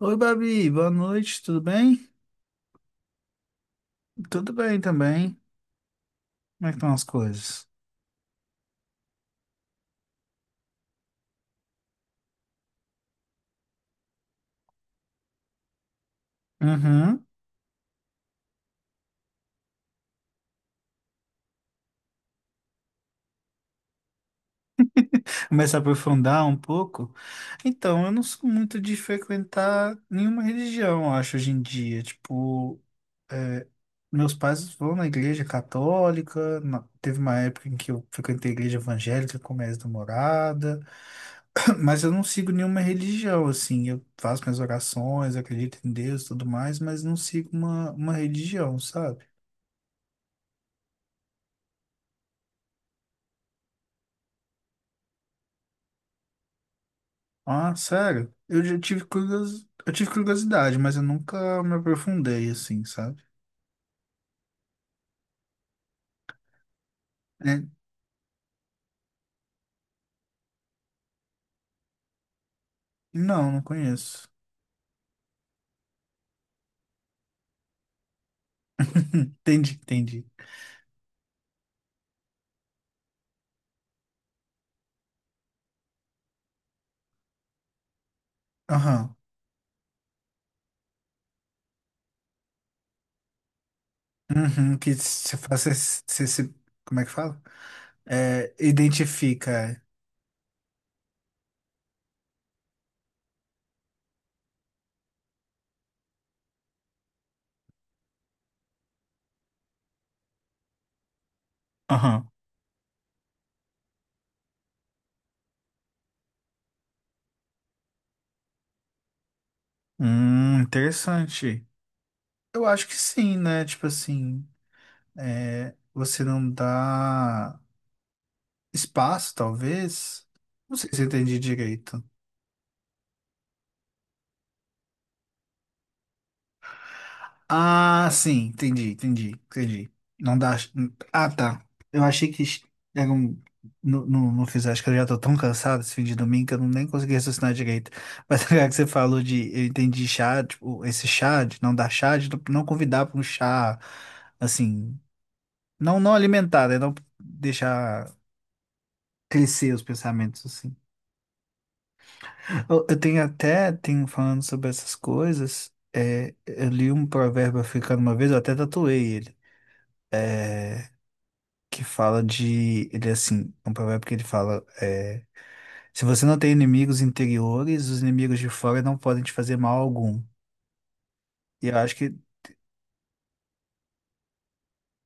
Oi, Babi, boa noite, tudo bem? Tudo bem também. Como é que estão as coisas? Uhum. Começar a aprofundar um pouco. Então, eu não sou muito de frequentar nenhuma religião, eu acho, hoje em dia. Tipo, meus pais vão na igreja católica, teve uma época em que eu frequentei a igreja evangélica com minha ex-namorada, mas eu não sigo nenhuma religião, assim. Eu faço minhas orações, acredito em Deus e tudo mais, mas não sigo uma religião, sabe? Ah, sério? Eu já tive curiosidade, eu tive curiosidade, mas eu nunca me aprofundei assim, sabe? É, não, não conheço. Entendi, entendi. Aham. Uhum, que você faz, você se, como é que fala? É, identifica. É. Aham. Interessante. Eu acho que sim, né? Tipo assim, é, você não dá espaço, talvez. Não sei se eu entendi direito. Ah, sim, entendi, entendi, entendi. Não dá. Ah, tá. Eu achei que era não, não, não fiz, acho que eu já tô tão cansado esse fim de domingo que eu não nem consegui raciocinar direito. Mas agora que você falou de, eu entendi chá, tipo, esse chá, de não dar chá, de não convidar para um chá, assim, não, não alimentar, né? Não deixar crescer os pensamentos, assim. Eu tenho até, tenho falando sobre essas coisas, é, eu li um provérbio africano uma vez, eu até tatuei ele. É, que fala de. Ele é assim, é um provérbio que ele fala: é, se você não tem inimigos interiores, os inimigos de fora não podem te fazer mal algum. E eu acho que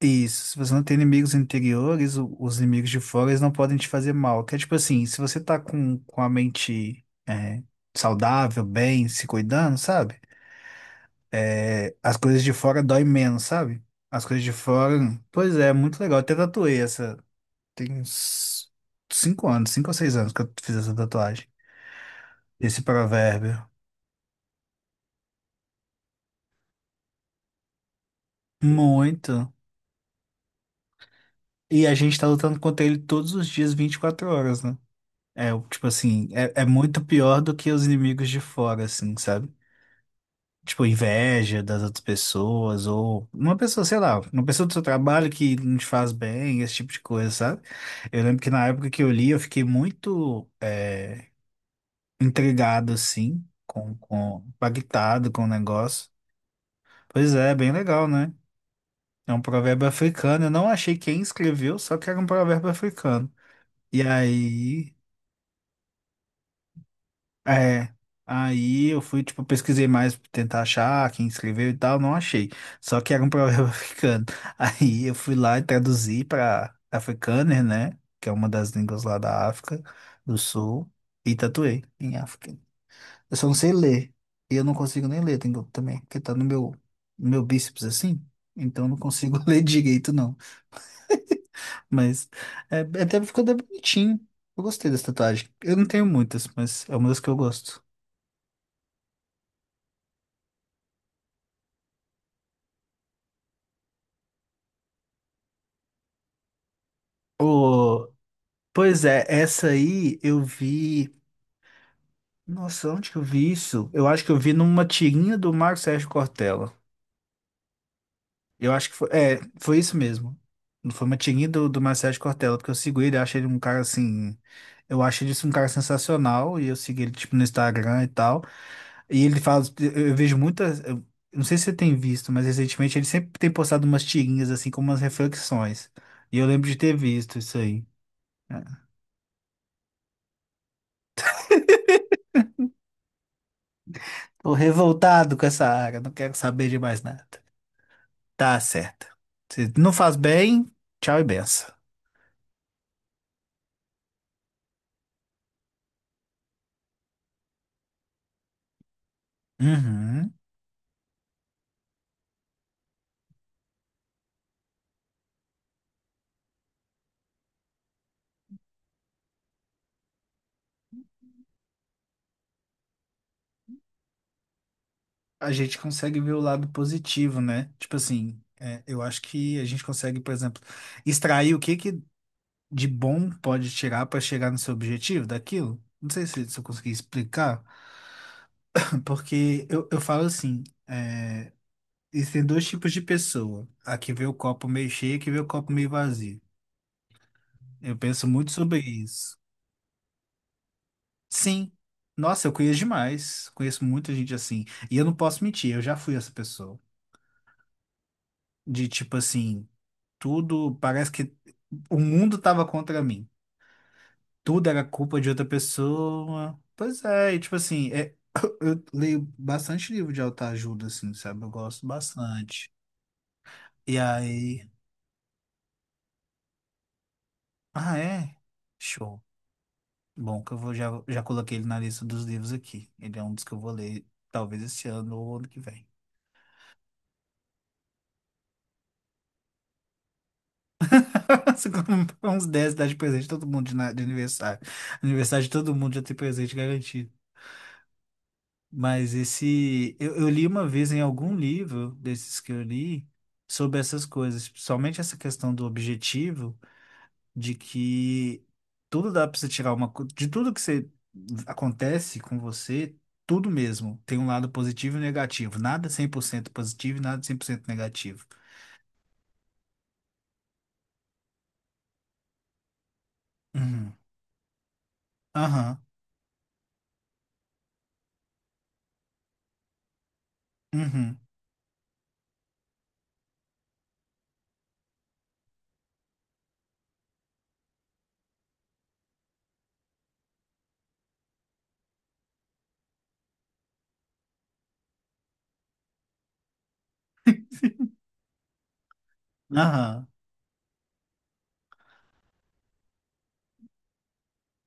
isso, se você não tem inimigos interiores, os inimigos de fora eles não podem te fazer mal. Que é tipo assim, se você tá com a mente é, saudável, bem, se cuidando, sabe? É, as coisas de fora doem menos, sabe? As coisas de fora. Pois é, muito legal. Eu até tatuei essa. Tem uns 5 anos, 5 ou 6 anos que eu fiz essa tatuagem. Esse provérbio. Muito. E a gente tá lutando contra ele todos os dias, 24 horas, né? É, tipo assim, é, é muito pior do que os inimigos de fora, assim, sabe? Tipo, inveja das outras pessoas, ou uma pessoa, sei lá, uma pessoa do seu trabalho que não te faz bem, esse tipo de coisa, sabe? Eu lembro que na época que eu li, eu fiquei muito intrigado, assim, com, impactado com o negócio. Pois é, bem legal, né? É um provérbio africano. Eu não achei quem escreveu, só que era um provérbio africano. E aí, é, aí eu fui, tipo, pesquisei mais pra tentar achar quem escreveu e tal, não achei. Só que era um provérbio africano. Aí eu fui lá e traduzi pra Afrikaner, né? Que é uma das línguas lá da África do Sul. E tatuei em África. Eu só não sei ler. E eu não consigo nem ler também, porque tá no meu, no meu bíceps assim. Então eu não consigo ler direito, não. Mas é, até ficou até bonitinho. Eu gostei dessa tatuagem. Eu não tenho muitas, mas é uma das que eu gosto. Ô, pois é, essa aí eu vi. Nossa, onde que eu vi isso? Eu acho que eu vi numa tirinha do Marco Sérgio Cortella. Eu acho que foi, é, foi isso mesmo. Foi uma tirinha do, do Marcelo Cortella, porque eu sigo ele, eu acho ele um cara assim. Eu acho ele assim, um cara sensacional, e eu sigo ele tipo no Instagram e tal. E ele fala, eu vejo muitas. Eu não sei se você tem visto, mas recentemente ele sempre tem postado umas tirinhas assim, com umas reflexões. E eu lembro de ter visto isso aí. É. Tô revoltado com essa área, não quero saber de mais nada. Tá certo. Se não faz bem, tchau e benção. Uhum. A gente consegue ver o lado positivo, né? Tipo assim, é, eu acho que a gente consegue, por exemplo, extrair o que que de bom pode tirar para chegar no seu objetivo daquilo. Não sei se, se eu consegui explicar, porque eu falo assim, é, existem dois tipos de pessoa, a que vê o copo meio cheio e a que vê o copo meio vazio. Eu penso muito sobre isso. Sim. Nossa, eu conheço demais. Conheço muita gente assim. E eu não posso mentir, eu já fui essa pessoa. De tipo assim. Tudo, parece que o mundo tava contra mim. Tudo era culpa de outra pessoa. Pois é, e tipo assim, é, eu leio bastante livro de autoajuda, assim, sabe? Eu gosto bastante. E aí. Ah, é? Show. Bom, que eu vou, já, já coloquei ele na lista dos livros aqui. Ele é um dos que eu vou ler, talvez esse ano ou ano que vem. Se comprar uns 10 dá de presente todo mundo de aniversário. Aniversário de todo mundo já tem presente garantido. Mas esse. Eu li uma vez em algum livro desses que eu li sobre essas coisas, principalmente essa questão do objetivo, de que tudo dá para você tirar De tudo que você acontece com você, tudo mesmo. Tem um lado positivo e negativo. Nada 100% positivo e nada 100% negativo. Uhum. Aham. Uhum. Aham.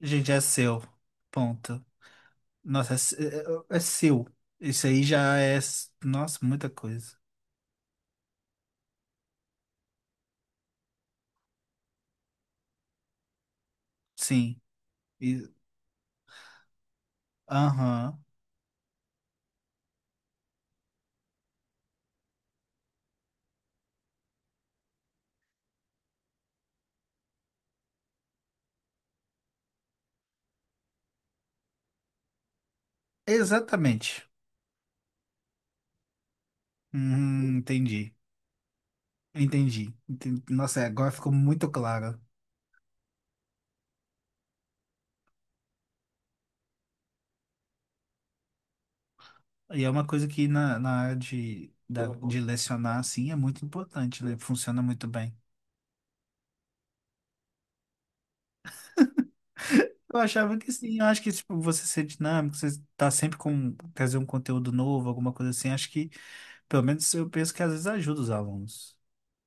Gente, é seu. Ponto. Nossa, é, é é seu. Isso aí já é. Nossa, muita coisa. Sim. Aham. Exatamente. Entendi. Entendi. Nossa, é, agora ficou muito claro. E é uma coisa que na, de lecionar, assim, é muito importante, né? Funciona muito bem. Eu achava que sim, eu acho que tipo, você ser dinâmico, você tá sempre com trazer um conteúdo novo, alguma coisa assim, acho que, pelo menos eu penso que às vezes ajuda os alunos,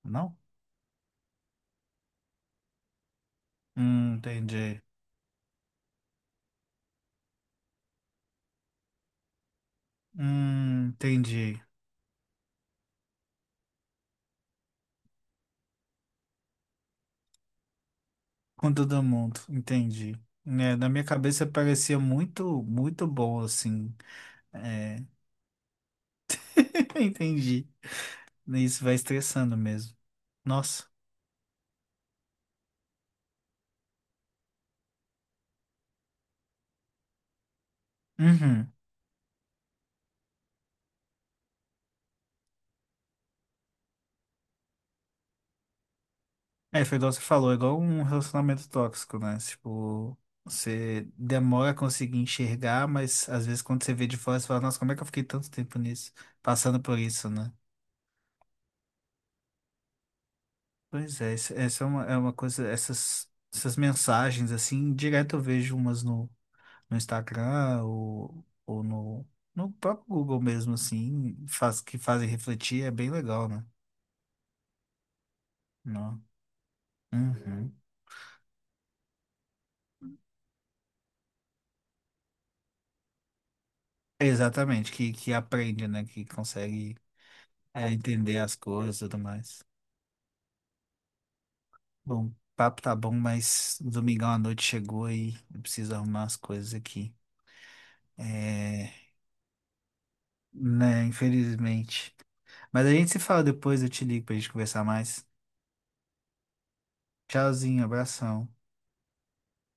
não? Entendi. Entendi. Com todo mundo, entendi. Né, na minha cabeça parecia muito, muito bom, assim. É, entendi. Isso vai estressando mesmo. Nossa. Uhum. É, foi igual você falou, é igual um relacionamento tóxico, né? Tipo, você demora a conseguir enxergar, mas às vezes quando você vê de fora, você fala, nossa, como é que eu fiquei tanto tempo nisso, passando por isso, né? Pois é, essa é uma coisa, essas, essas mensagens, assim, direto eu vejo umas no Instagram ou no próprio Google mesmo, assim, faz, que fazem refletir, é bem legal, né? Não. Uhum. Exatamente, que aprende, né? Que consegue é, entender as coisas e tudo mais. Bom, o papo tá bom, mas domingão à noite chegou e eu preciso arrumar as coisas aqui. É, né, infelizmente. Mas a gente se fala depois, eu te ligo pra gente conversar mais. Tchauzinho, abração.